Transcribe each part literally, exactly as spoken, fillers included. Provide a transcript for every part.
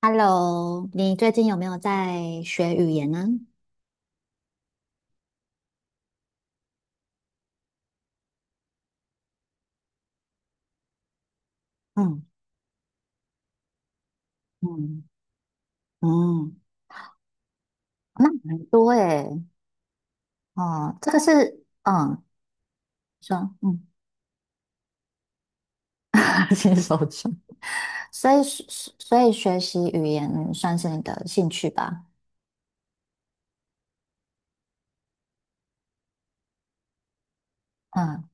Hello，你最近有没有在学语言呢？嗯嗯嗯，那很多诶，哦，这个是嗯，说嗯，新手村，所以是是所以学习语言算是你的兴趣吧？嗯，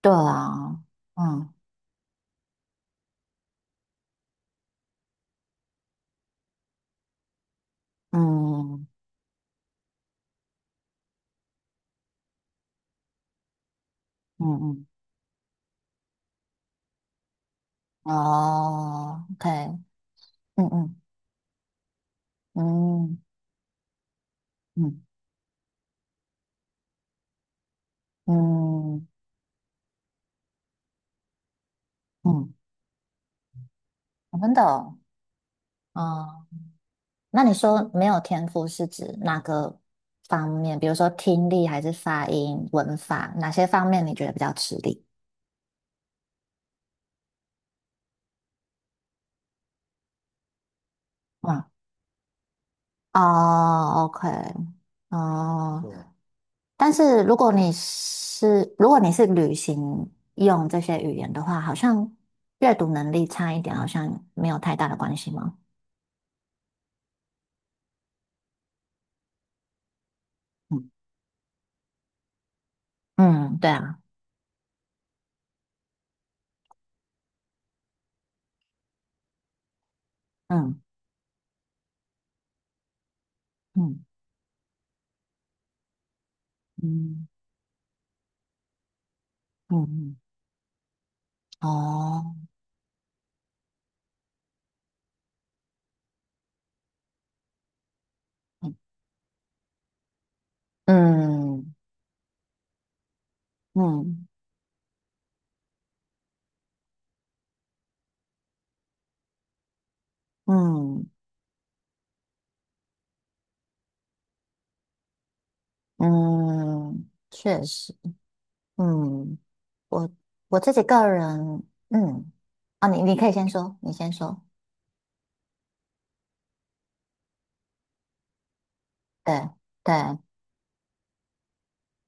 对啊，嗯嗯嗯嗯，哦，OK，嗯嗯嗯嗯嗯嗯，我们的哦，嗯那你说没有天赋是指哪个方面？比如说听力还是发音、文法，哪些方面你觉得比较吃力？嗯，哦，OK，哦，对但是如果你是如果你是旅行用这些语言的话，好像阅读能力差一点，好像没有太大的关系吗？嗯嗯，对啊，嗯嗯嗯嗯嗯，嗯哦，嗯嗯嗯。嗯嗯，确实，嗯，我我自己个人，嗯，啊，你你可以先说，你先说，对对，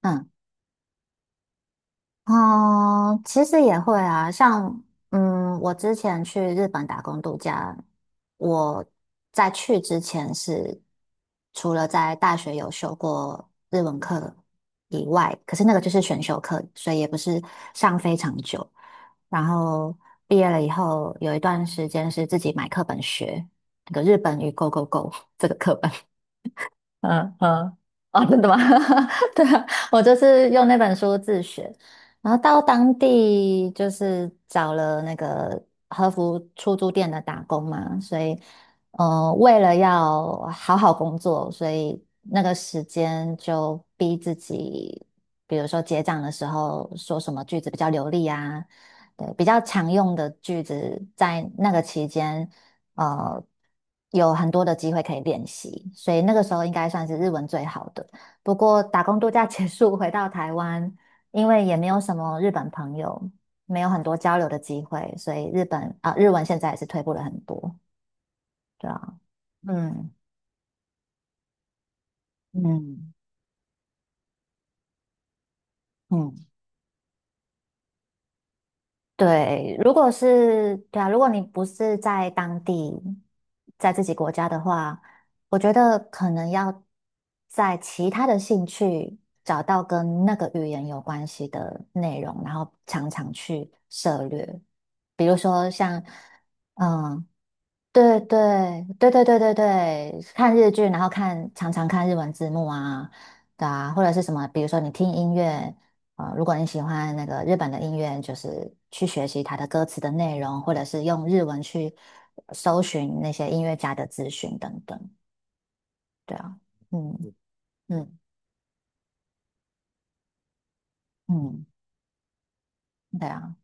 嗯哦，其实也会啊，像嗯，我之前去日本打工度假，我在去之前是除了在大学有修过日文课以外，可是那个就是选修课，所以也不是上非常久。然后毕业了以后，有一段时间是自己买课本学那个日本语 Go Go Go 这个课本。嗯嗯，哦，真的吗？对啊，我就是用那本书自学，然后到当地就是找了那个和服出租店的打工嘛，所以，呃，为了要好好工作，所以那个时间就逼自己，比如说结账的时候说什么句子比较流利啊，对，比较常用的句子，在那个期间。呃有很多的机会可以练习，所以那个时候应该算是日文最好的。不过打工度假结束回到台湾，因为也没有什么日本朋友，没有很多交流的机会，所以日本啊、日文现在也是退步了很多。对啊，嗯嗯嗯。对，如果是，对啊，如果你不是在当地，在自己国家的话，我觉得可能要在其他的兴趣找到跟那个语言有关系的内容，然后常常去涉略。比如说像，嗯、对对对对对对对，看日剧，然后看常常看日文字幕啊，对啊，或者是什么，比如说你听音乐，呃，如果你喜欢那个日本的音乐，就是去学习它的歌词的内容，或者是用日文去搜寻那些音乐家的资讯等等，对啊，嗯嗯嗯，对啊，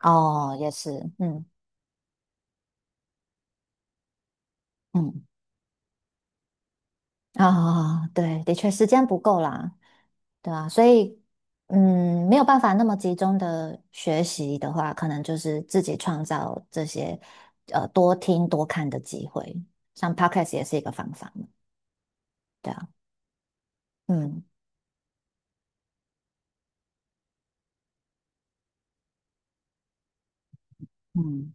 哦，也是，嗯嗯，啊、对，的确时间不够啦。对啊，所以嗯，没有办法那么集中的学习的话，可能就是自己创造这些呃多听多看的机会，像 podcast 也是一个方法嘛，对啊，嗯嗯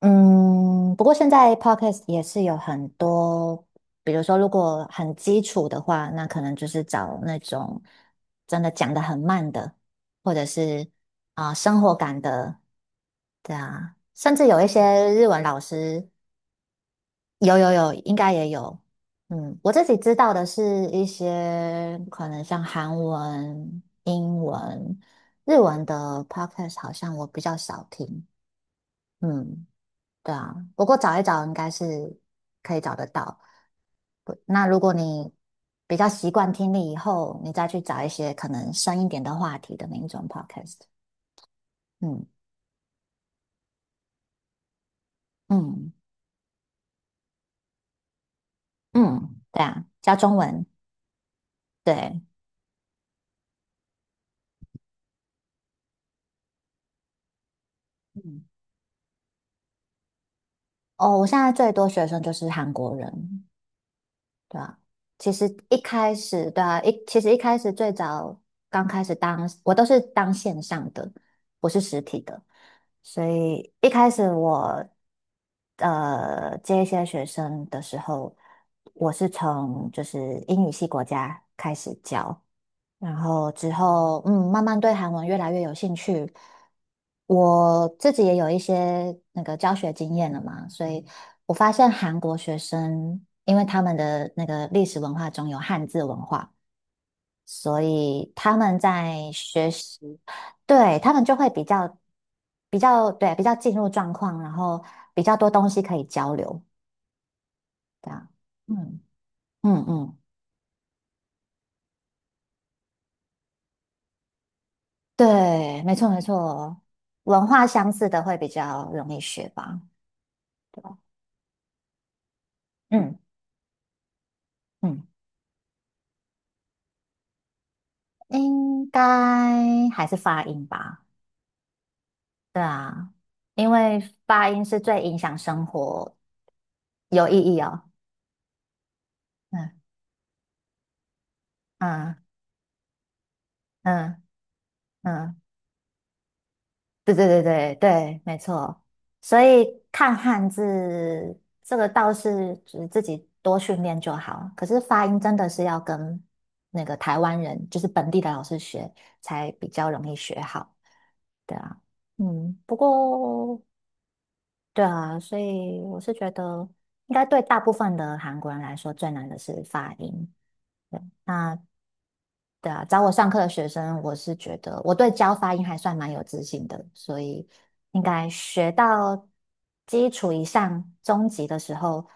嗯，不过现在 podcast 也是有很多，比如说如果很基础的话，那可能就是找那种真的讲得很慢的，或者是啊、生活感的，对啊，甚至有一些日文老师。有有有，应该也有。嗯，我自己知道的是一些可能像韩文、英文、日文的 podcast，好像我比较少听。嗯，对啊，不过找一找应该是可以找得到。不那如果你比较习惯听力以后，你再去找一些可能深一点的话题的那一种 podcast。嗯嗯嗯，对啊，加中文，对。嗯，哦，我现在最多学生就是韩国人，对啊，其实一开始，对啊，一其实一开始最早刚开始当，我都是当线上的，不是实体的，所以一开始我呃接一些学生的时候，我是从就是英语系国家开始教，然后之后，嗯，慢慢对韩文越来越有兴趣。我自己也有一些那个教学经验了嘛，所以我发现韩国学生，因为他们的那个历史文化中有汉字文化，所以他们在学习，对，他们就会比较比较对比较进入状况，然后比较多东西可以交流，这样，嗯嗯嗯，对，没错没错，文化相似的会比较容易学吧。嗯嗯，嗯应该还是发音吧？对啊，因为发音是最影响生活有意义哦。嗯嗯嗯嗯，对对对对对，没错。所以看汉字这个倒是就是自己多训练就好，可是发音真的是要跟那个台湾人，就是本地的老师学，才比较容易学好。对啊，嗯，不过。对啊，所以我是觉得，应该对大部分的韩国人来说，最难的是发音。对，那对啊，找我上课的学生，我是觉得我对教发音还算蛮有自信的，所以应该学到基础以上、中级的时候，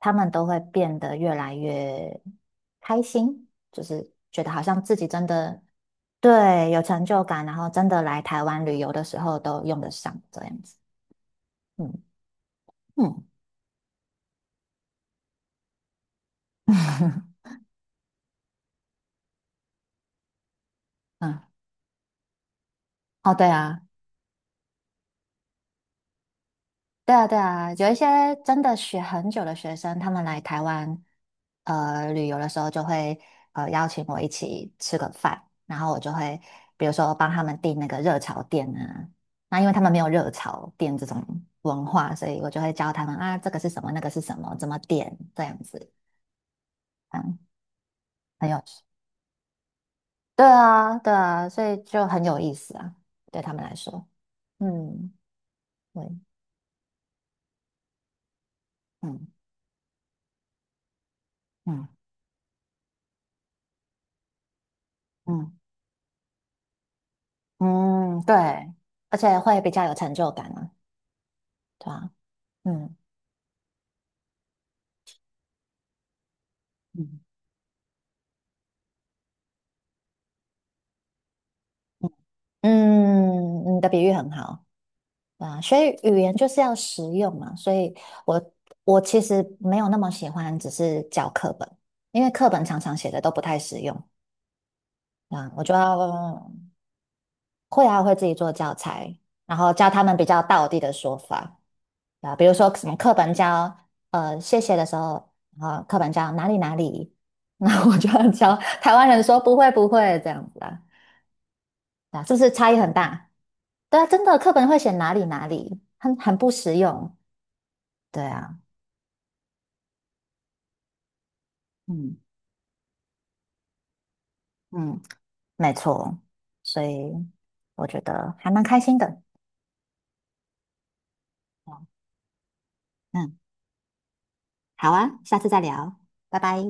他们都会变得越来越开心，就是觉得好像自己真的对有成就感，然后真的来台湾旅游的时候都用得上这样子。嗯嗯。哦，对啊，对啊，对啊，有一些真的学很久的学生，他们来台湾呃旅游的时候，就会呃邀请我一起吃个饭，然后我就会比如说帮他们订那个热炒店啊，那因为他们没有热炒店这种文化，所以我就会教他们啊，这个是什么，那个是什么，怎么点这样子，嗯，很有趣。对啊，对啊，所以就很有意思啊，对他们来说，嗯，对，嗯嗯嗯。嗯，对，而且会比较有成就感啊，对吧？嗯嗯，嗯，你的比喻很好，对啊，所以语言就是要实用嘛，所以我我其实没有那么喜欢只是教课本，因为课本常常写的都不太实用，对啊，我就要会啊会自己做教材，然后教他们比较道地的说法。啊，比如说什么课本教呃谢谢的时候，啊，课本教哪里哪里，那我就要教台湾人说不会不会这样子啊，啊，是不是差异很大？对啊，真的课本会写哪里哪里，很很不实用。对啊，嗯嗯，没错，所以我觉得还蛮开心的。嗯，好啊，下次再聊，拜拜。